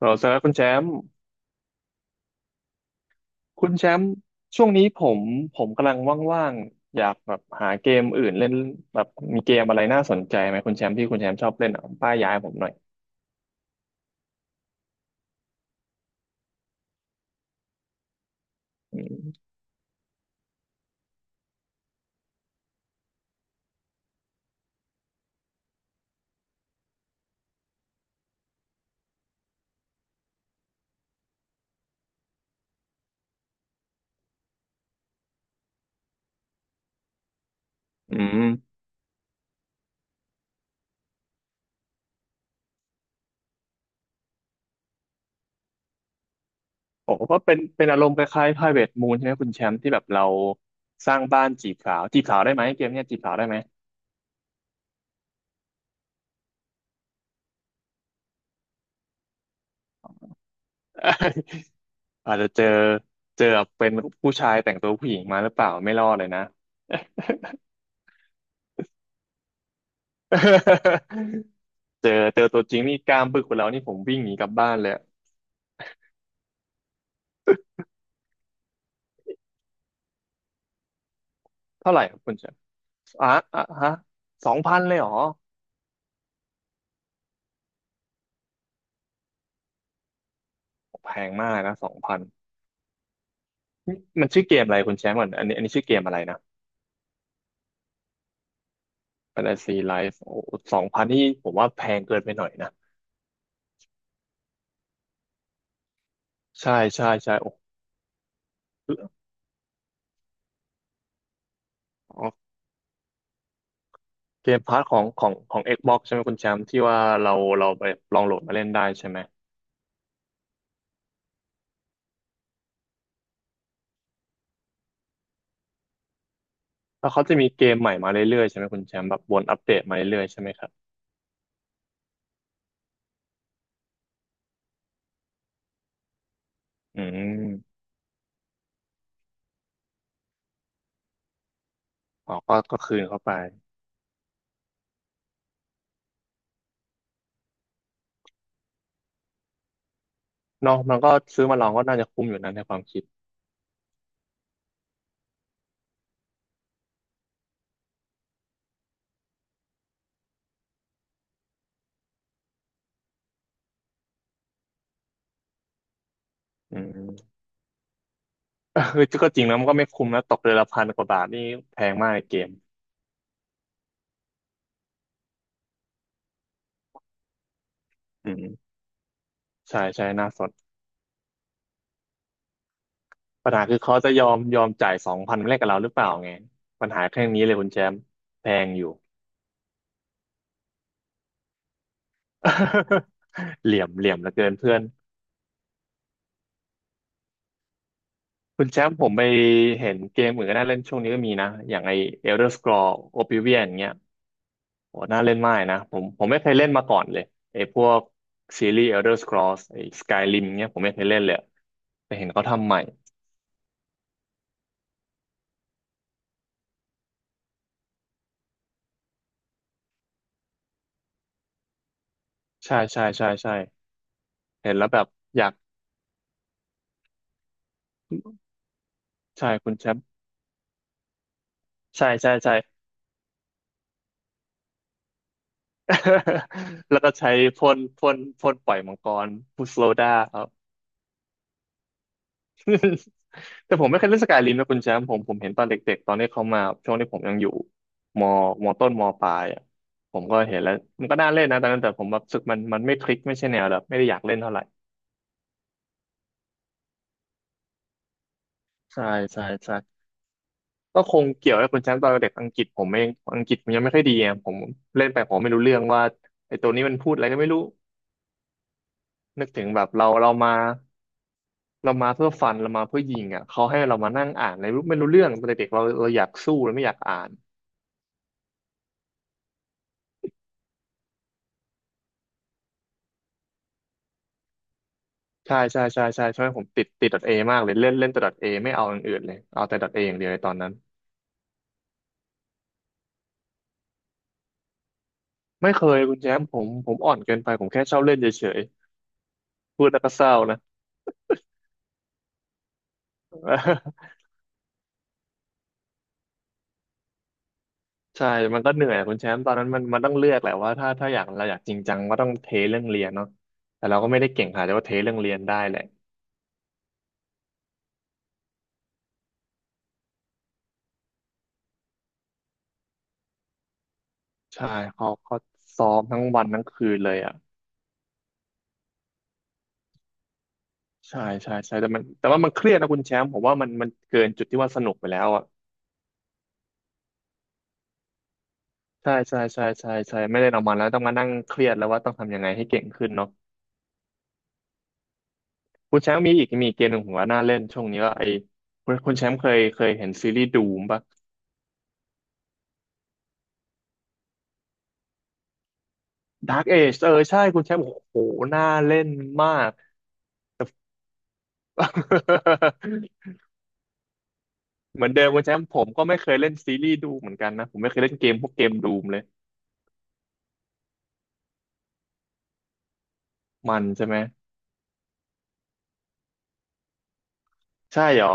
เราสำหรับคุณแชมป์คุณแชมป์ช่วงนี้ผมกำลังว่างๆอยากแบบหาเกมอื่นเล่นแบบมีเกมอะไรน่าสนใจไหมคุณแชมป์ที่คุณแชมป์ชอบเล่นอ่ะป้ายยายผมหน่อยอืมอืมโอ้ก็เป็นอารมณ์คล้ายๆ Private Moon ใช่ไหมคุณแชมป์ที่แบบเราสร้างบ้านจีบสาวจีบสาวได้ไหมเกมเนี้ยจีบสาวได้ไหม อาจจะเจอเจอเป็นผู้ชายแต่งตัวผู้หญิงมาหรือเปล่าไม่รอดเลยนะ เจอตัวจริงนี่กล้ามบึกกว่าเรานี่ผมวิ่งหนีกลับบ้านเลย เท่าไหร่ครับคุณแชมป์อ่ะอ่ะฮะสองพันเลยเหรอแพงมากนะสองพันมันชื่อเกมอะไรคุณแชมป์ก่อนอันนี้ชื่อเกมอะไรนะ Fantasy Life โอ้สองพันที่ผมว่าแพงเกินไปหน่อยนะใช่ใช่ใช่โอ้อ๋อเกมพาร์ทของ Xbox ใช่ไหมคุณแชมป์ที่ว่าเราเราไปลองโหลดมาเล่นได้ใช่ไหมแล้วเขาจะมีเกมใหม่มาเรื่อยๆใช่ไหมคุณแชมป์แบบวนอัปเดตมาเรื่อยๆใช่ไหมครับอืมอ๋อก็คืนเข้าไปเนาะมันก็ซื้อมาลองก็น่าจะคุ้มอยู่นั้นในความคิดอืม เออก็จริงนะมันก็ไม่คุ้มนะตกเดือนละพันกว่าบาทนี่แพงมากในเกมอืมใช่ใช่น่าสนปัญหาคือเขาจะยอมยอมจ่ายสองพันแรกกับเราหรือเปล่าไงปัญหาแค่นี้เลยคุณแชมป์แพงอยู่ เหลี่ยมเหลี่ยมเหลือเกินเพื่อนคุณแชมป์ผมไปเห็นเกมอื่นก็น่าเล่นช่วงนี้ก็มีนะอย่างไอ Elder Scrolls Oblivion อย่างเงี้ยโหน่าเล่นมากนะผมไม่เคยเล่นมาก่อนเลยไอพวกซีรีส์ Elder Scrolls ไอ Skyrim เงี้ยผมไม่เคยเล่นเลยแต่เห็นเขาทำใหม่ใช่ใช่ใช่ใช่ เห็นแล้วแบบอยากใช่คุณแชมป์ใช่ใช่ใช่ แล้วก็ใช้พ่นปล่อยมังกรพุสโลดาครับ แต่ผมไม่เคยเล่นสกายริมนะคุณแชมป์ผมเห็นตอนเด็กๆตอนที่เขามาช่วงที่ผมยังอยู่มมต้นมปลายอ่ะผมก็เห็นแล้วมันก็น่าเล่นนะตอนนั้นแต่ผมแบบรู้สึกมันไม่คลิกไม่ใช่แนวแบบไม่ได้อยากเล่นเท่าไหร่ใช่ใช่ใช่ก็คงเกี่ยวกับคุณแชมป์ตอนเด็กอังกฤษผมเองอังกฤษผมยังไม่ค่อยดีอ่ะผมเล่นไปผมไม่รู้เรื่องว่าไอ้ตัวนี้มันพูดอะไรก็ไม่รู้ นึกถึงแบบเรามาเรามาเพื่อฟันเรามาเพื่อยิงอ่ะเขาให้เรามานั่งอ่านในรู้ไม่รู้เรื่องตอนเด็กๆเราอยากสู้เราไม่อยากอ่านใช่ใช่ใช่ใช่ใช่ผมติดดอทเอมากเลยเล่นเล่นแต่ดอทเอไม่เอาอย่างอื่นเลยเอาแต่ดอทเออย่างเดียวในตอนนั้นไม่เคยคุณแชมป์ผมอ่อนเกินไปผมแค่ชอบเล่นเฉยๆพูดแล้วก็เศร้านะ ใช่มันก็เหนื่อยคุณแชมป์ตอนนั้นมันต้องเลือกแหละว่าถ้าอยากเราอยากจริงจังก็ต้องเทเรื่องเรียนเนาะแต่เราก็ไม่ได้เก่งขนาดที่ว่าเทเรื่องเรียนได้แหละใช่เขาซ้อมทั้งวันทั้งคืนเลยอ่ะ ใช่ใช่ใช่แต่มันแต่ว่ามันเครียดนะคุณแชมป์ผมว่ามันเกินจุดที่ว่าสนุกไปแล้วอ่ะใช่ใช่ใช่ใช่ใช่ไม่ได้นอกมางวัลแล้วต้องมานั่งเครียดแล้วว่าต้องทำยังไงให้เก่งขึ้นเนาะคุณแชมป์มีอีกมีเกมหนึ่งผมว่าน่าเล่นช่วงนี้ก็ไอ้คุณแชมป์เคยเห็นซีรีส์ดูมปะ Dark Age เออใช่คุณแชมป์โอ้โหน่าเล่นมาก เหมือนเดิมคุณแชมป์ผมก็ไม่เคยเล่นซีรีส์ดูเหมือนกันนะผมไม่เคยเล่นเกมพวกเกมดูมเลยมันใช่ไหมใช่หรอ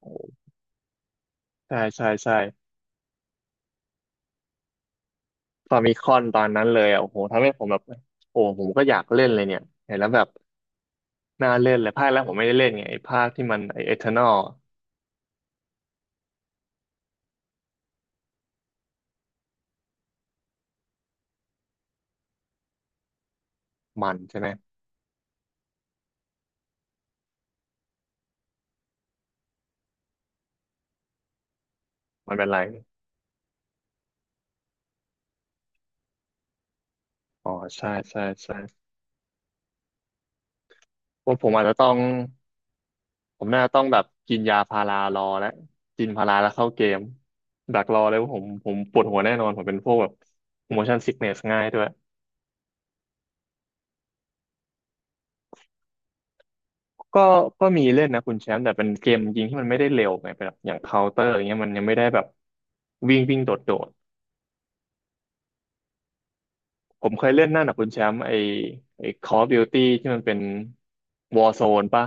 โอ้โหใช่ใช่ใช่ ฟามิคอนตอนนั้นเลยอ่ะโอ้โหทำให้ผมแบบโอ้ผมก็อยากเล่นเลยเนี่ยเห็นแล้วแบบน่าเล่นเลยภาคแรกผมไม่ได้เล่นไงไอ้ภาคที่มันไอ้เอเทอร์นอลมันใช่ไหมมันเป็นไรอ๋อใช่ใช่ใช่ว่าผมอาจจะต้องผมน่าจะต้องแบบกินยาพารารอแล้วกินพาราแล้วเข้าเกมดักรอเลยว่าผมปวดหัวแน่นอนผมเป็นพวกแบบ motion sickness ง่ายด้วยก็ก็มีเล่นนะคุณแชมป์แต่เป็นเกมยิงที่มันไม่ได้เร็วไงปแบบอย่างเคาน์เตอร์อย่างเงี้ยมันยังไม่ได้แบบวิ่งวิ่งโดดๆ ผมเคยเล่นนั่นนะคุณแชมป์ไอ Call of Duty ที่มันเป็น Warzone ป่ะ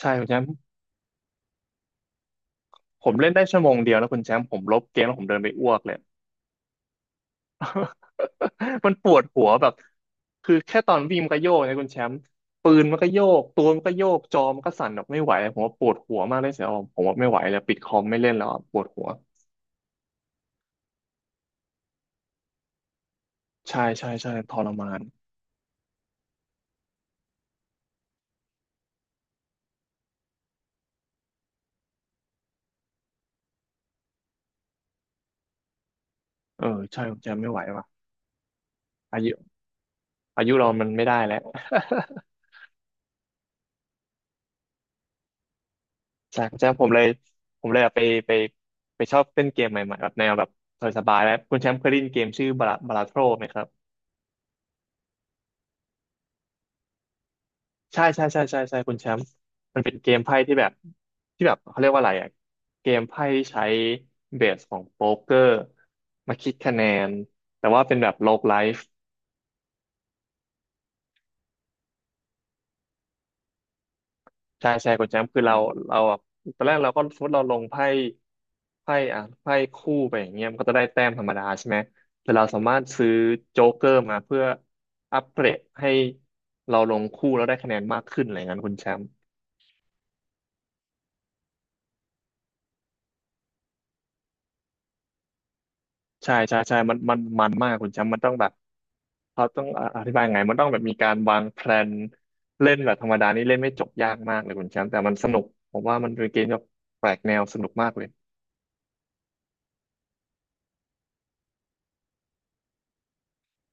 ใช่คุณแชมป์ผมเล่นได้ชั่วโมงเดียวแล้วคุณแชมป์ผมลบเกมแล้วผมเดินไปอ้วกเลย มันปวดหัวแบบคือแค่ตอนวิ่งมันก็โยกนะคุณแชมป์ปืนมันก็โยกตัวมันก็โยกจอมันก็สั่นแบบไม่ไหวผมว่าปวดหัวมากเลยเสียผมว่าไม่ไหวแล้วปิดคอมไม่เล่นแล้วอะปวดหัวใช่ใช่ใช่ทรมานเออใช่คุณแชมป์ไม่ไหวว่ะอายุอายุเรามันไม่ได้แล้ว จากจาผมเลยผมเลยแบบไปไปชอบเล่นเกมใหม่ๆแบบแนวแบบสบายๆแล้วคุณแชมป์เคยได้ยินเกมชื่อบาราบาราโทรไหมครับใช่ใช่ใช่ใช่ใช่คุณแชมป์มันเป็นเกมไพ่ที่แบบที่แบบเขาเรียกว่าอะไรอ่ะเกมไพ่ที่ใช้เบสของโป๊กเกอร์มาคิดคะแนนแต่ว่าเป็นแบบโลกไลฟ์ ใช่ใช่คุณแชมป์คือเราเราอะตอนแรกเราก็สมมติเราลงไพ่อ่ะไพ่คู่ไปอย่างเงี้ยมันก็จะได้แต้มธรรมดาใช่ไหมแต่เราสามารถซื้อโจ๊กเกอร์มาเพื่ออัปเกรดให้เราลงคู่แล้วได้คะแนนมากขึ้นอะไรเงี้ยคุณแชมป์ใช่ใช่ใช่มันมากคุณแชมป์มันต้องแบบเขาต้องอ่ะอธิบายไงมันต้องแบบมีการวางแพลนเล่นแบบธรรมดานี่เล่นไม่จบยากมากเลยคุณแชมป์แต่มันสนุกผมว่ามันเป็นเกมที่แบบแปลกแนวสนุกมากเลย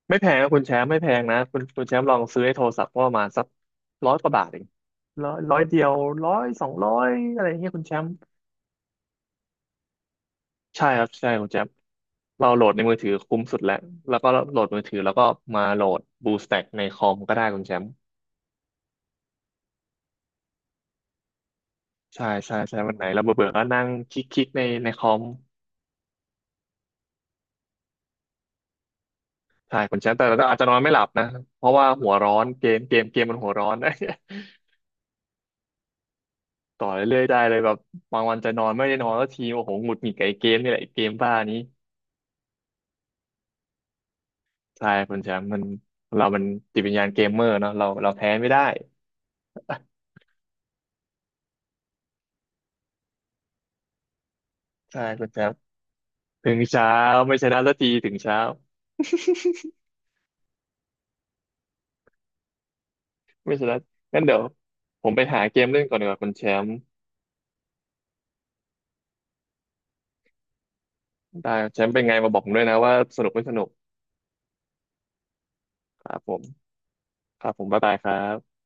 ไม่แพงนะคุณแชมป์ไม่แพงนะคุณแชมป์ลองซื้อไอ้โทรศัพท์ก็ประมาณสักร้อยกว่าบาทเองร้อยเดียวร้อยสองร้อยอะไรอย่างเงี้ยคุณแชมป์ใช่ครับใช่คุณแชมป์เราโหลดในมือถือคุ้มสุดแล้วแล้วก็โหลดมือถือแล้วก็มาโหลด BlueStack ในคอมก็ได้คุณแชมป์ใช่ใช่ใช่วันไหนเราเบื่อเบื่อก็นั่งคลิกคลิกในคอมใช่คุณแชมป์แต่เราอาจจะนอนไม่หลับนะเพราะว่าหัวร้อนเกมมันหัวร้อนนะ ต่อเรื่อยๆได้เลยแบบบางวันจะนอนไม่ได้นอนแล้วทีโอ้โหหงุดหงิดกับไอ้เกมนี่แหละไอ้เกมบ้านี้ ใช่คุณแชมป์มันเรามันจิตวิญญาณเกมเมอร์เนาะเราแพ้ไม่ได้ใช่คุณแชมป์ถึงเช้าไม่ชนะสักทีถึงเช้า ไม่ชนะงั้นเดี๋ยวผมไปหาเกมเล่นก่อนดีกว่าคุณแชมป์ได้แชมป์เป็นไงมาบอกผมด้วยนะว่าสนุกไม่สนุกครับผมครับผมบ๊ายบายครับ